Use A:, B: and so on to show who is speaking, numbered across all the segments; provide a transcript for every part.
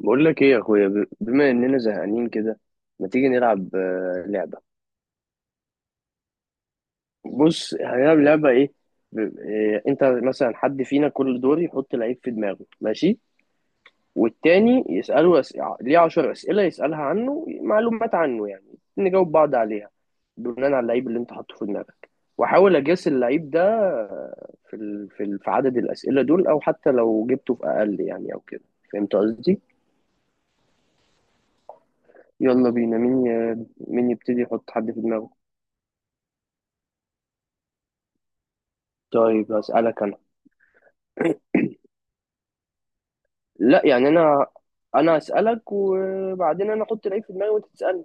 A: بقول لك ايه يا اخويا بما اننا زهقانين كده. ما تيجي نلعب لعبه. بص هنلعب لعبه ايه. انت مثلا حد فينا كل دور يحط لعيب في دماغه، ماشي. والتاني يساله ليه 10 اسئله، يسالها عنه، معلومات عنه يعني. نجاوب بعض عليها بناء على اللعيب اللي انت حاطه في دماغك، واحاول اجاس اللعيب ده. في عدد الاسئله دول او حتى لو جبته في اقل يعني او كده. فهمت قصدي. يلا بينا مين مين يبتدي يحط حد في دماغه. طيب هسألك أنا. لا يعني أنا هسألك وبعدين أنا أحط العيب في دماغي وأنت تسألني.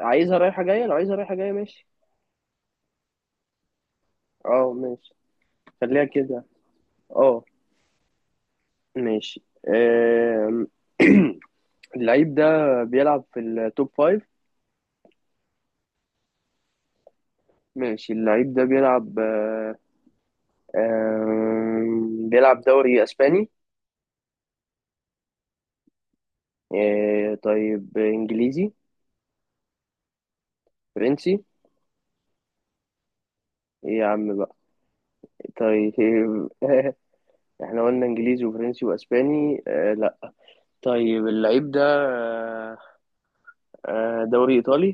A: عايزها رايحة جاية؟ لو عايزها رايحة جاية ماشي. أه ماشي. خليها كده. أه. ماشي. اللعيب ده بيلعب في التوب فايف. ماشي، اللعيب ده بيلعب آه، آم، بيلعب دوري أسباني. طيب إنجليزي؟ فرنسي؟ إيه يا عم بقى؟ طيب إيه، احنا قلنا انجليزي وفرنسي واسباني، لا. طيب اللعيب ده دوري ايطالي.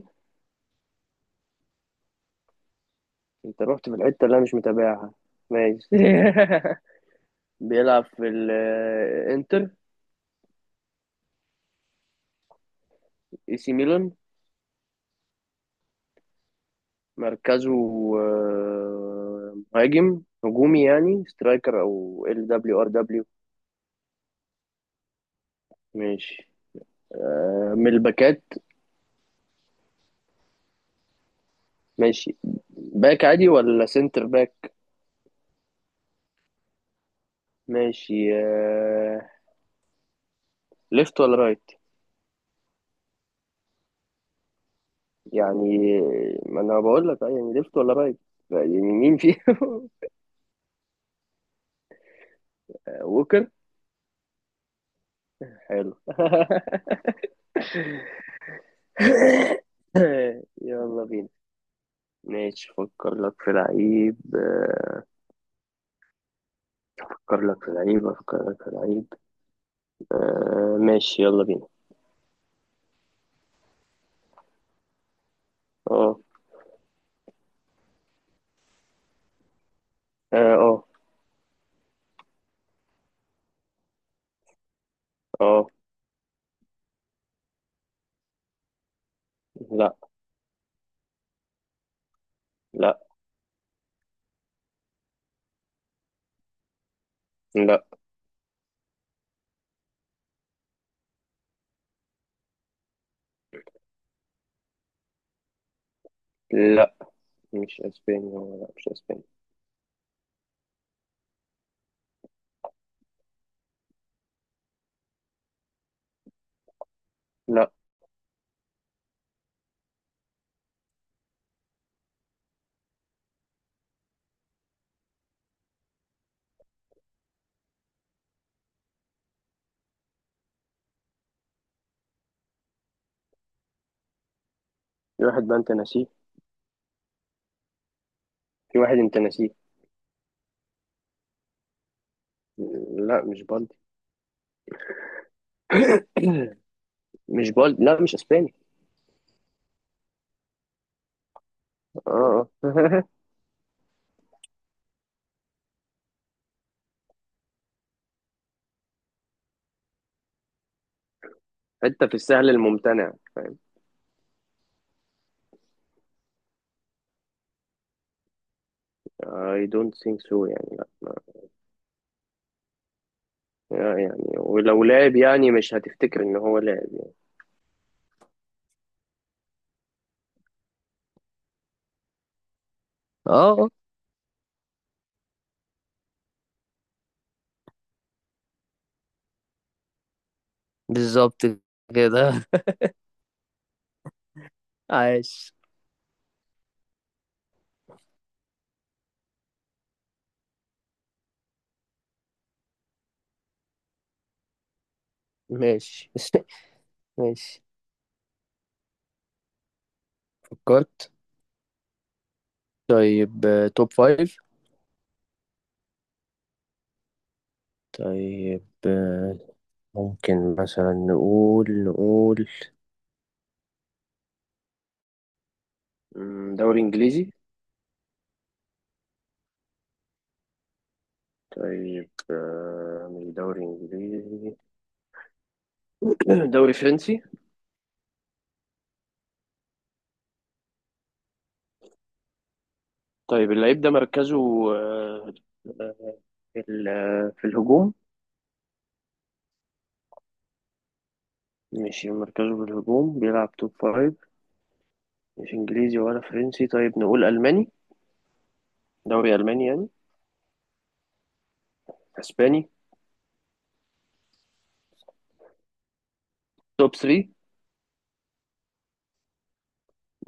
A: انت رحت في الحته اللي انا مش متابعها. ماشي. بيلعب في الانتر؟ اي سي ميلان. مركزه مهاجم هجومي يعني سترايكر او ال دبليو ار دبليو؟ ماشي. من الباكات. ماشي. باك عادي ولا سنتر باك؟ ماشي. آه، ليفت ولا رايت؟ يعني، ما انا بقول لك، يعني ليفت ولا رايت، يعني مين فيهم. ووكر. حلو. يلا بينا. ماشي فكر لك في لعيب. افكر لك في لعيب. ماشي يلا بينا. اه اه اه. آه. لا لا لا لا، مش اسباني هو، لا مش اسباني. لا، في واحد بقى انت ناسيه. في واحد انت ناسيه. لا مش بالدي. مش بالدي، لا مش اسباني. اه اه. حتة في السهل الممتنع. I don't think so يعني. يعني ولو لعب يعني مش هتفتكر ان هو لعب يعني. اه بالظبط كده. عاش. ماشي ماشي. فكرت. طيب توب فايف. طيب ممكن مثلا نقول دوري إنجليزي. طيب مش دوري إنجليزي. دوري فرنسي. طيب اللعيب ده مركزه آه، في ال- آه، في الهجوم. ماشي مركزه في الهجوم، بيلعب توب فايف، مش إنجليزي ولا فرنسي. طيب نقول ألماني، دوري ألماني يعني. أسباني. توب 3.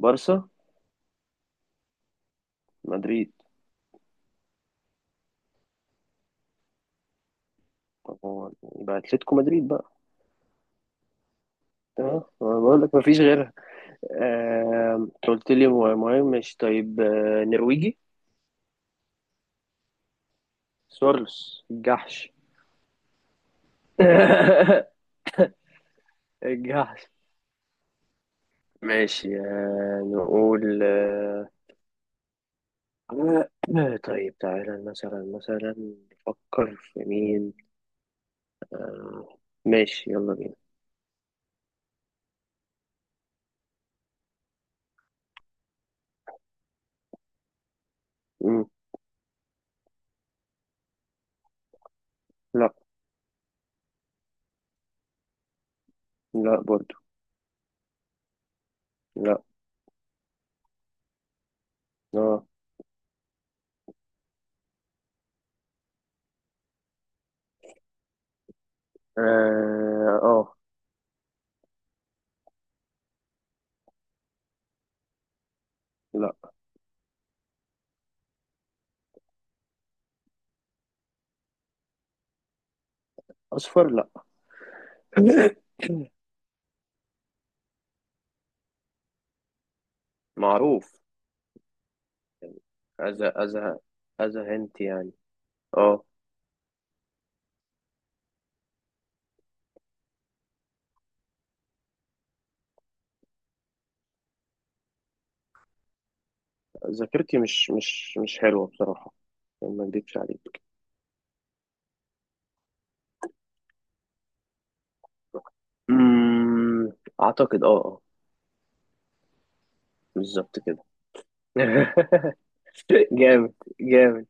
A: بارسا. مدريد. طب هو، يبقى اتلتيكو مدريد بقى. اه أنا بقول لك مفيش غيرها. انت قلت لي مهم، مش طيب نرويجي. سوارلوس الجحش. الجحش. ماشي آه، نقول آه، آه، طيب تعالى مثلا، مثلا نفكر في مين. آه، ماشي يلا بينا. مم، لا. لا برضو. لا. اه اه. آه، لا. اصفر لا. معروف. أذى أذى. أذى هنت يعني. اه. ذاكرتي مش حلوة بصراحة، يعني ما اكدبش عليك. أمم، أعتقد اه اه. بالظبط كده. جامد جامد.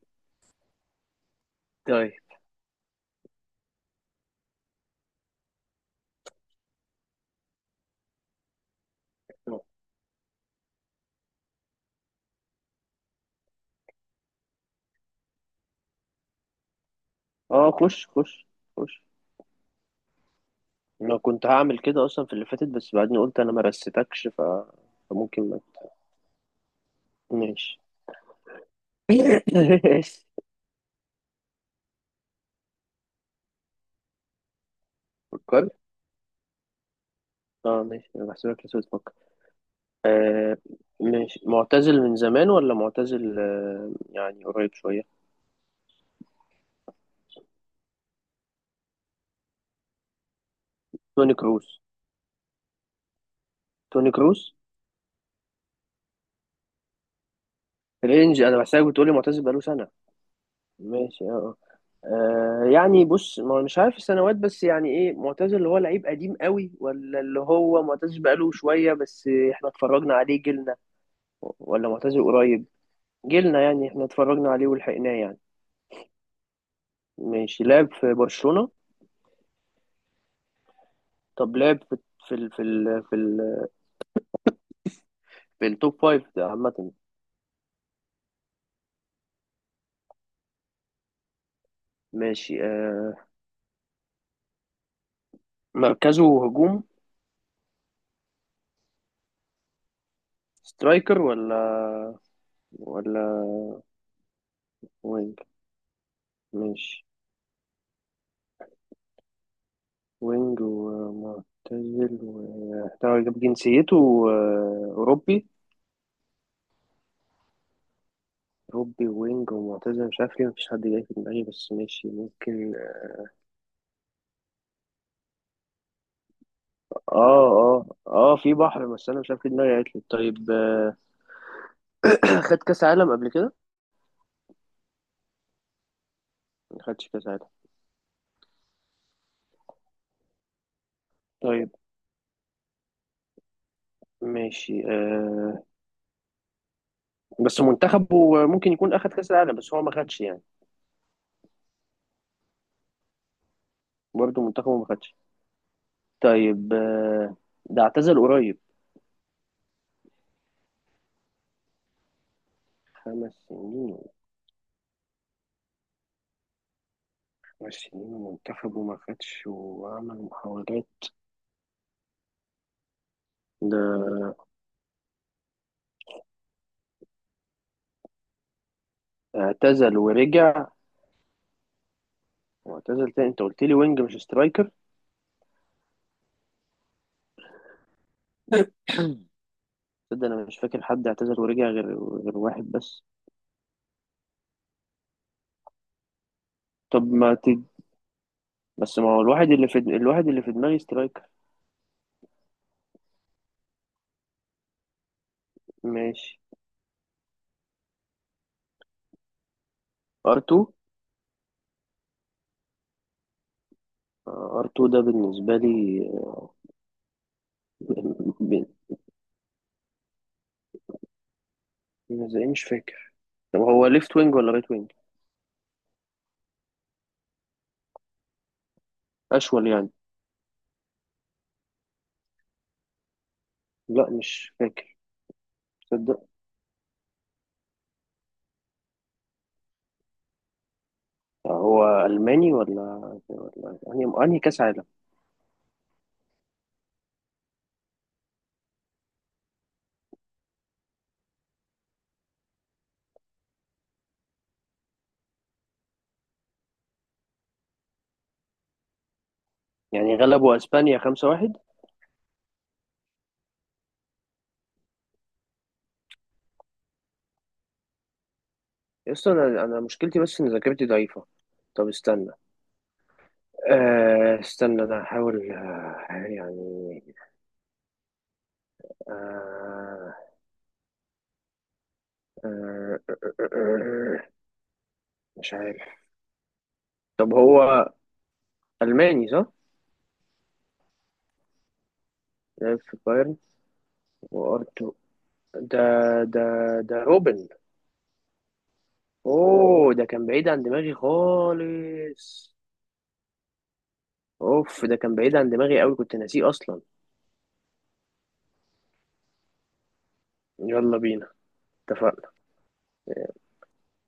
A: طيب. اه خش خش. انا كنت هعمل كده اصلا في اللي فاتت، بس بعدين قلت انا ما رستكش فممكن ما ماشي. ماشي. فكرت. اه ماشي، انا بحسبك لسه بتفكر. آه. مش معتزل من زمان، ولا معتزل آه يعني قريب شوية؟ توني كروس. توني كروس. رينج، انا بحسك بتقولي معتزل بقاله سنة. ماشي اه. آه، يعني بص، ما مش عارف السنوات، بس يعني ايه معتزل؟ اللي هو لعيب قديم قوي، ولا اللي هو معتزل بقاله شوية بس احنا اتفرجنا عليه جيلنا؟ ولا معتزل قريب؟ جيلنا يعني، احنا اتفرجنا عليه ولحقناه يعني. ماشي. لعب في برشلونة؟ طب لعب في، في ال في التوب فايف ده عامة. ماشي آه. مركزه هجوم. سترايكر ولا، ولا وينج. ماشي، وينج ومعتزل و جاب جنسيته أوروبي. أوروبي وينج ومعتزل، مش عارف ليه مفيش حد جاي في دماغي، بس ماشي ممكن. اه اه اه، في بحر، بس أنا مش عارف ليه دماغي قالت لي. طيب خد كأس عالم قبل كده؟ ما خدش كأس عالم. طيب. ماشي آه. بس منتخبه ممكن يكون أخد كأس العالم، بس هو ما خدش يعني. برضه منتخبه ما خدش. طيب آه. ده اعتزل قريب. خمس سنين. خمس سنين، ومنتخبه ما خدش، وعمل محاولات. ده اعتزل ورجع واعتزل تاني. انت قلت لي وينج مش سترايكر. تصدق انا مش فاكر حد اعتزل ورجع غير، غير واحد بس. طب ما بس ما هو الواحد اللي في، الواحد اللي في دماغي سترايكر. ماشي. ار2. ار2 ده بالنسبة لي ب- ب- زي مش فاكر. طب هو ليفت وينج ولا رايت وينج؟ اشول يعني. لا مش فاكر. تصدق. هو الماني ولا، ولا انهي كاس عالم؟ يعني غلبوا اسبانيا 5-1. يسطا انا، انا مشكلتي بس ان ذاكرتي ضعيفة. طب استنى. آه استنى، انا هحاول آه يعني. آه آه آه آه، آه، آه، مش عارف. طب هو الماني صح؟ لعب في بايرن. وارتو. ده، ده، ده روبن. اوه ده كان بعيد عن دماغي خالص. اوف ده كان بعيد عن دماغي قوي، كنت ناسيه اصلا. يلا بينا. اتفقنا.